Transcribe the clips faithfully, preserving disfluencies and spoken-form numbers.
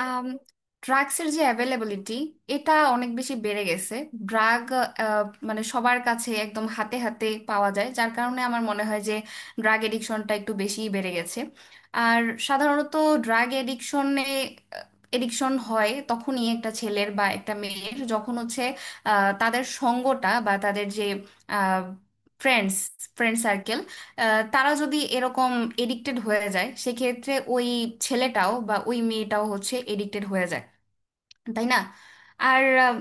আম ড্রাগসের যে অ্যাভেলেবিলিটি এটা অনেক বেশি বেড়ে গেছে। ড্রাগ মানে সবার কাছে একদম হাতে হাতে পাওয়া যায়, যার কারণে আমার মনে হয় যে ড্রাগ এডিকশনটা একটু বেশিই বেড়ে গেছে। আর সাধারণত ড্রাগ এডিকশনে এডিকশন হয় তখনই একটা ছেলের বা একটা মেয়ের, যখন হচ্ছে আহ, তাদের সঙ্গটা বা তাদের যে ফ্রেন্ডস ফ্রেন্ড সার্কেল, আহ, তারা যদি এরকম এডিক্টেড হয়ে যায়, সেক্ষেত্রে ওই ছেলেটাও বা ওই মেয়েটাও হচ্ছে এডিক্টেড হয়ে যায়, তাই না? আর আহ,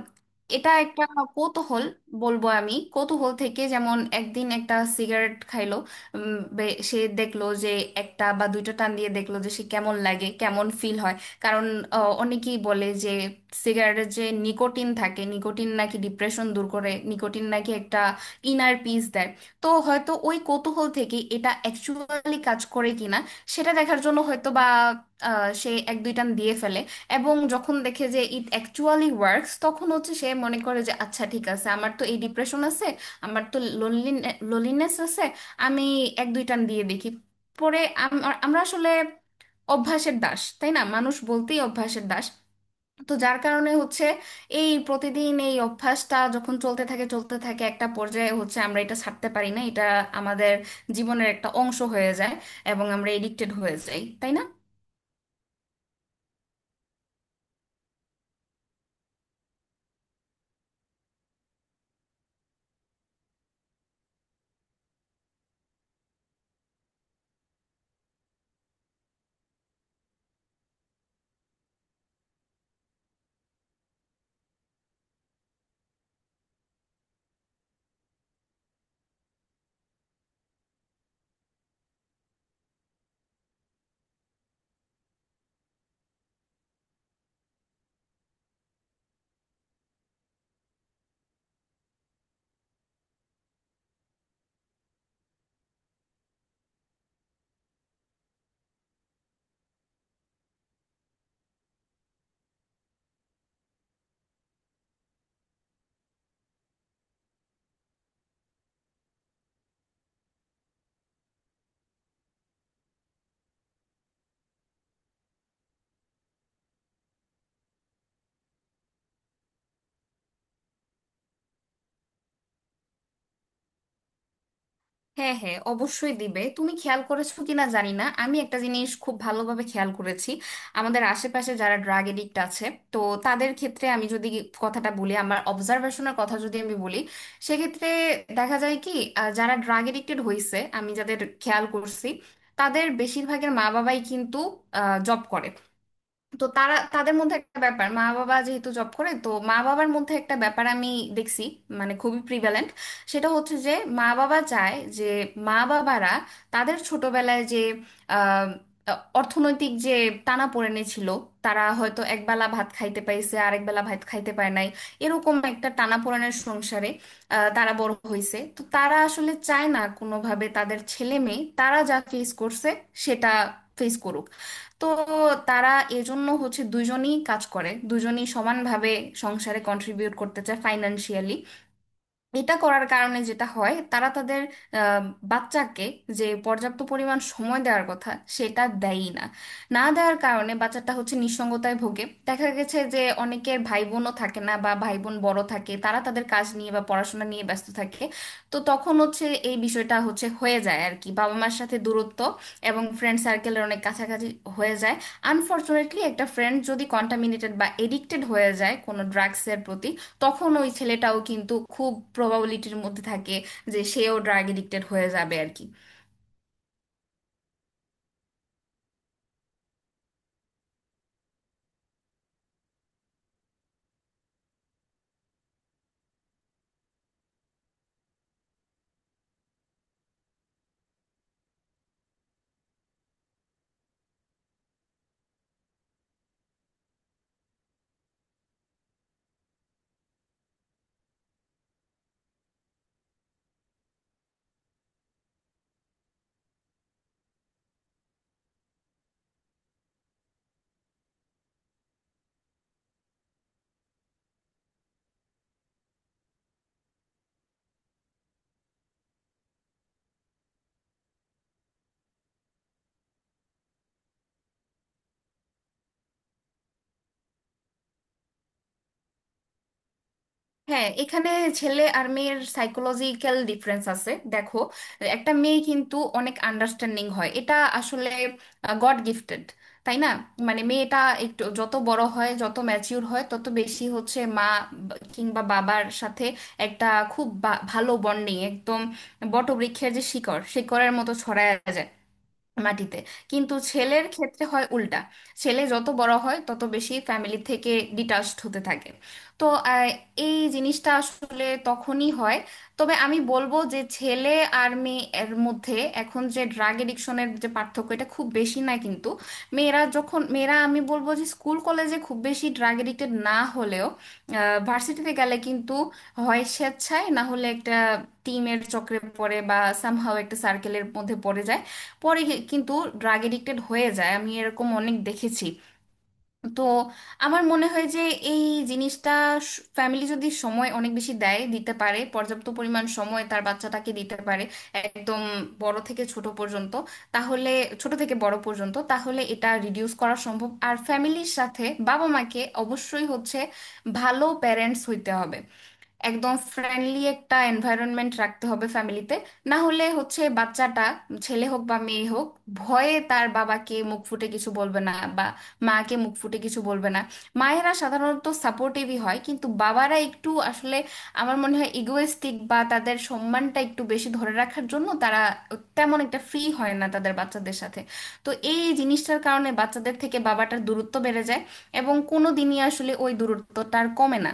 এটা একটা কৌতূহল বলবো আমি। কৌতূহল থেকে যেমন একদিন একটা সিগারেট খাইলো, উম, বে- সে দেখলো যে একটা বা দুইটা টান দিয়ে দেখলো যে সে কেমন লাগে, কেমন ফিল হয়। কারণ আহ, অনেকেই বলে যে সিগারেটের যে নিকোটিন থাকে, নিকোটিন নাকি ডিপ্রেশন দূর করে, নিকোটিন নাকি একটা ইনার পিস দেয়। তো হয়তো ওই কৌতূহল থেকে এটা অ্যাকচুয়ালি কাজ করে কিনা সেটা দেখার জন্য হয়তো বা আহ, সে এক দুই টান দিয়ে ফেলে। এবং যখন দেখে যে ইট অ্যাকচুয়ালি ওয়ার্কস, তখন হচ্ছে সে মনে করে যে আচ্ছা ঠিক আছে, আমার তো এই ডিপ্রেশন আছে, আমার তো লোনলিনেস আছে, আমি এক দুই টান দিয়ে দেখি। পরে আম- আমরা আসলে অভ্যাসের দাস, তাই না? মানুষ বলতেই অভ্যাসের দাস। তো যার কারণে হচ্ছে এই প্রতিদিন এই অভ্যাসটা যখন চলতে থাকে চলতে থাকে, একটা পর্যায়ে হচ্ছে আমরা এটা ছাড়তে পারি না, এটা আমাদের জীবনের একটা অংশ হয়ে যায় এবং আমরা এডিক্টেড হয়ে যাই, তাই না? হ্যাঁ, হ্যাঁ, অবশ্যই দিবে। তুমি খেয়াল করেছো কিনা জানি না, আমি একটা জিনিস খুব ভালোভাবে খেয়াল করেছি। আমাদের আশেপাশে যারা ড্রাগ এডিক্ট আছে, তো তাদের ক্ষেত্রে আমি যদি কথাটা বলি, আমার অবজারভেশনের কথা যদি আমি বলি, সেক্ষেত্রে দেখা যায় কি, আহ, যারা ড্রাগ এডিক্টেড হয়েছে আমি যাদের খেয়াল করছি, তাদের বেশিরভাগের মা বাবাই কিন্তু জব করে। তো তারা তাদের মধ্যে একটা ব্যাপার, মা বাবা যেহেতু জব করে, তো মা বাবার মধ্যে একটা ব্যাপার আমি দেখছি, মানে খুবই প্রিভ্যালেন্ট, সেটা হচ্ছে যে মা বাবা চায় যে মা বাবারা তাদের ছোটবেলায় যে আহ, অর্থনৈতিক যে টানাপোড়েনে ছিল, তারা হয়তো একবেলা ভাত খাইতে পাইছে, আরেক বেলা ভাত খাইতে পায় নাই, এরকম একটা টানাপোড়েনের সংসারে আহ, তারা বড় হয়েছে। তো তারা আসলে চায় না কোনোভাবে তাদের ছেলে মেয়ে তারা যা ফেস করছে সেটা ফেস করুক। তো তারা এজন্য হচ্ছে দুজনেই কাজ করে, দুজনেই সমানভাবে সংসারে কন্ট্রিবিউট করতে চায় ফাইনান্সিয়ালি। এটা করার কারণে যেটা হয়, তারা তাদের আহ, বাচ্চাকে যে পর্যাপ্ত পরিমাণ সময় দেওয়ার কথা, সেটা দেয়ই না। না দেওয়ার কারণে বাচ্চাটা হচ্ছে নিঃসঙ্গতায় ভোগে, দেখা গেছে যে অনেকের ভাই বোনও থাকে না বা ভাই বোন বড় থাকে, তারা তাদের কাজ নিয়ে বা পড়াশোনা নিয়ে ব্যস্ত থাকে। তো তখন হচ্ছে এই বিষয়টা হচ্ছে হয়ে যায় আর কি বাবা মার সাথে দূরত্ব, এবং ফ্রেন্ড সার্কেলের অনেক কাছাকাছি হয়ে যায়। আনফর্চুনেটলি একটা ফ্রেন্ড যদি কন্টামিনেটেড বা এডিক্টেড হয়ে যায় কোনো ড্রাগসের প্রতি, তখন ওই ছেলেটাও কিন্তু খুব প্রবাবিলিটির মধ্যে থাকে যে সেও ড্রাগ এডিক্টেড হয়ে যাবে আর কি। হ্যাঁ, এখানে ছেলে আর মেয়ের সাইকোলজিক্যাল ডিফারেন্স আছে, দেখো। একটা মেয়ে কিন্তু অনেক আন্ডারস্ট্যান্ডিং হয়, এটা আসলে গড গিফটেড, তাই না? মানে মেয়েটা একটু যত বড় হয়, যত ম্যাচিউর হয়, তত বেশি হচ্ছে মা বা- কিংবা বাবার সাথে একটা খুব বা- ভালো বন্ডিং, একদম বটবৃক্ষের যে শিকড়, শিকড়ের মতো ছড়ায় যায় মাটিতে। কিন্তু ছেলের ক্ষেত্রে হয় উল্টা, ছেলে যত বড় হয় তত বেশি ফ্যামিলি থেকে ডিটাচড হতে থাকে। তো আহ, এই জিনিসটা আসলে তখনই হয়। তবে আমি বলবো যে ছেলে আর মেয়ের মধ্যে এখন যে ড্রাগ এডিকশনের যে পার্থক্য, এটা খুব বেশি না, কিন্তু মেয়েরা যখন মেয়েরা আমি বলবো যে স্কুল কলেজে খুব বেশি ড্রাগ এডিক্টেড না হলেও ভার্সিটিতে গেলে কিন্তু হয় স্বেচ্ছায় না হলে একটা টিমের চক্রে পড়ে বা সামহাও একটা সার্কেলের মধ্যে পড়ে যায় পরে কি- কিন্তু ড্রাগ এডিক্টেড হয়ে যায়, আমি এরকম অনেক দেখেছি। তো আমার মনে হয় যে এই জিনিসটা ফ্যামিলি যদি সময় অনেক বেশি দেয়, দিতে পারে, পর্যাপ্ত পরিমাণ সময় তার বাচ্চাটাকে দিতে পারে একদম বড় থেকে ছোট পর্যন্ত, তাহলে ছোট থেকে বড় পর্যন্ত, তাহলে এটা রিডিউস করা সম্ভব। আর ফ্যামিলির সাথে বাবা মাকে অবশ্যই হচ্ছে ভালো প্যারেন্টস হইতে হবে, একদম ফ্রেন্ডলি একটা এনভায়রনমেন্ট রাখতে হবে ফ্যামিলিতে। না হলে হচ্ছে বাচ্চাটা ছেলে হোক বা মেয়ে হোক ভয়ে তার বাবাকে মুখ ফুটে কিছু বলবে না বা মাকে মুখ ফুটে কিছু বলবে না। মায়েরা সাধারণত সাপোর্টিভই হয়, কিন্তু বাবারা একটু আসলে আমার মনে হয় ইগোয়েস্টিক, বা তাদের সম্মানটা একটু বেশি ধরে রাখার জন্য তারা তেমন একটা ফ্রি হয় না তাদের বাচ্চাদের সাথে। তো এই জিনিসটার কারণে বাচ্চাদের থেকে বাবাটার দূরত্ব বেড়ে যায় এবং কোনো দিনই আসলে ওই দূরত্বটা আর কমে না,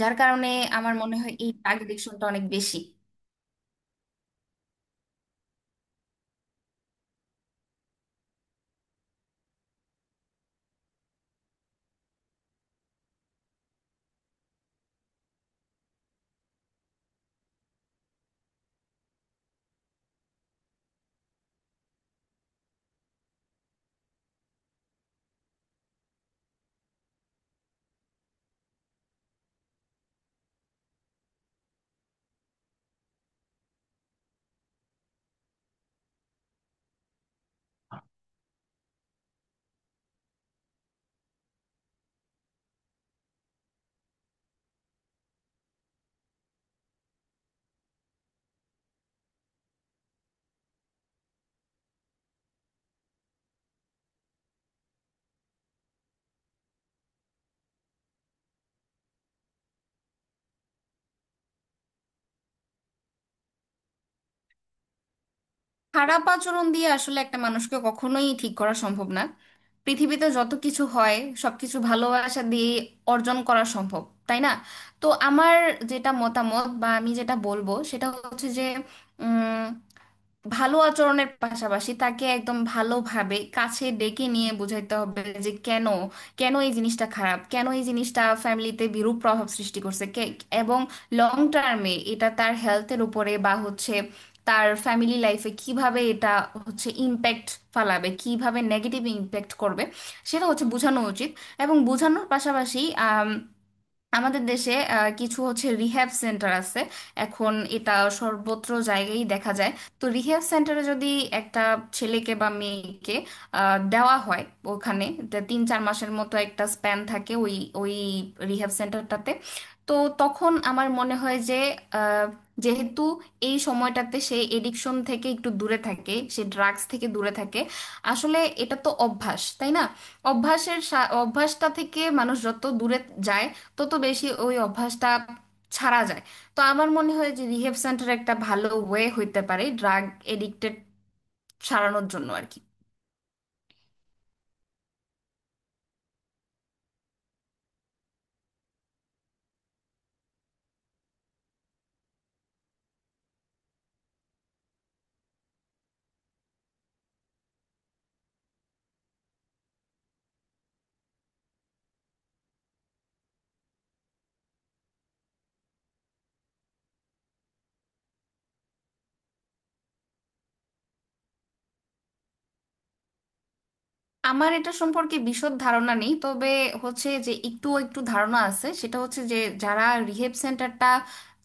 যার কারণে আমার মনে হয় এই টাগ এডিকশনটা অনেক বেশি। খারাপ আচরণ দিয়ে আসলে একটা মানুষকে কখনোই ঠিক করা সম্ভব না। পৃথিবীতে যত কিছু হয় সবকিছু ভালোবাসা দিয়ে অর্জন করা সম্ভব, তাই না? তো আমার যেটা মতামত বা আমি যেটা বলবো সেটা হচ্ছে যে ভালো আচরণের পাশাপাশি তাকে একদম ভালোভাবে কাছে ডেকে নিয়ে বোঝাইতে হবে যে কেন কেন এই জিনিসটা খারাপ, কেন এই জিনিসটা ফ্যামিলিতে বিরূপ প্রভাব সৃষ্টি করছে কে, এবং লং টার্মে এটা তার হেলথের উপরে বা হচ্ছে তার ফ্যামিলি লাইফে কিভাবে এটা হচ্ছে ইম্প্যাক্ট ফালাবে, কিভাবে নেগেটিভ ইম্প্যাক্ট করবে সেটা হচ্ছে বোঝানো উচিত। এবং বোঝানোর পাশাপাশি আমাদের দেশে আহ, কিছু হচ্ছে রিহ্যাব সেন্টার আছে এখন, এটা সর্বত্র জায়গায় দেখা যায়। তো রিহ্যাব সেন্টারে যদি একটা ছেলেকে বা মেয়েকে আহ, দেওয়া হয় ওখানে, তা তিন চার মাসের মতো একটা স্প্যান থাকে ওই ওই রিহ্যাব সেন্টারটাতে। তো তখন আমার মনে হয় যে আহ, যেহেতু এই সময়টাতে সে এডিকশন থেকে একটু দূরে থাকে, সে ড্রাগস থেকে দূরে থাকে। আসলে এটা তো অভ্যাস, তাই না? অভ্যাসের সা- অভ্যাসটা থেকে মানুষ যত দূরে যায় তত বেশি ওই অভ্যাসটা ছাড়া যায়। তো আমার মনে হয় যে রিহেব সেন্টার একটা ভালো ওয়ে হইতে পারে ড্রাগ এডিক্টেড সারানোর জন্য আর কি। আমার এটা সম্পর্কে বিশদ ধারণা নেই, তবে হচ্ছে যে একটু একটু ধারণা আছে, সেটা হচ্ছে যে যারা রিহেব সেন্টারটা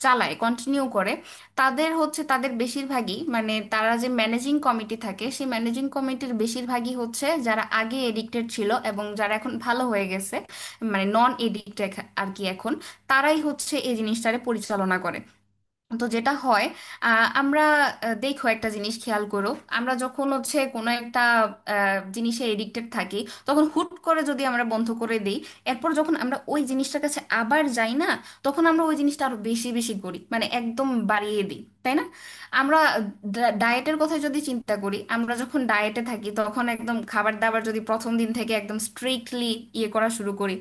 চালায় কন্টিনিউ করে, তাদের হচ্ছে তাদের বেশিরভাগই, মানে তারা যে ম্যানেজিং কমিটি থাকে, সেই ম্যানেজিং কমিটির বেশিরভাগই হচ্ছে যারা আগে এডিক্টেড ছিল এবং যারা এখন ভালো হয়ে গেছে, মানে নন এডিক্টেড আর কি এখন। তারাই হচ্ছে এই জিনিসটারে পরিচালনা করে। তো যেটা হয় আহ, আমরা আহ, দেখো, একটা জিনিস খেয়াল করো। আমরা যখন হচ্ছে কোনো একটা আহ, জিনিসে এডিক্টেড থাকি তখন হুট করে যদি আমরা বন্ধ করে দিই, এরপর যখন আমরা ওই জিনিসটার কাছে আবার যাই না, তখন আমরা ওই জিনিসটা আরো বেশি বেশি করি মানে একদম বাড়িয়ে দিই, তাই না? আমরা ডায়েটের কথা যদি চিন্তা করি, আমরা যখন ডায়েটে থাকি তখন একদম খাবার দাবার যদি প্রথম দিন থেকে একদম স্ট্রিক্টলি ইয়ে করা শুরু করি,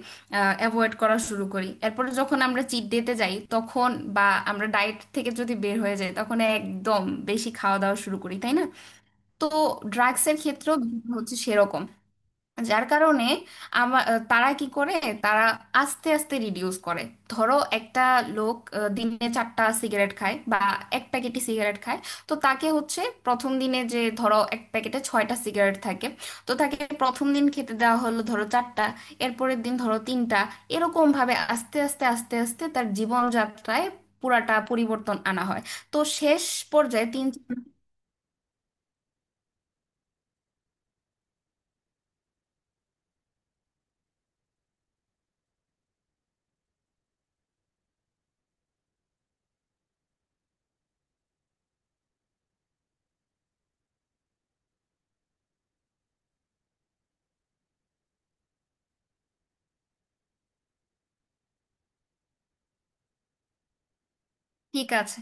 অ্যাভয়েড করা শুরু করি, এরপরে যখন আমরা চিট ডেতে যাই তখন বা আমরা ডায়েট থেকে যদি বের হয়ে যাই তখন একদম বেশি খাওয়া দাওয়া শুরু করি, তাই না? তো ড্রাগসের ক্ষেত্রেও হচ্ছে সেরকম, যার কারণে আমার তারা কি করে, তারা আস্তে আস্তে রিডিউস করে। ধরো একটা লোক আহ, দিনে চারটা সিগারেট খায় বা এক প্যাকেটই সিগারেট খায়, তো তাকে হচ্ছে প্রথম দিনে যে ধরো এক প্যাকেটে ছয়টা সিগারেট থাকে, তো তাকে প্রথম দিন খেতে দেওয়া হলো ধরো চারটা, এরপরের দিন ধরো তিনটা, এরকম ভাবে আস্তে আস্তে আস্তে আস্তে তার জীবনযাত্রায় পুরাটা পরিবর্তন আনা হয়। তো শেষ পর্যায়ে তিন ঠিক আছে।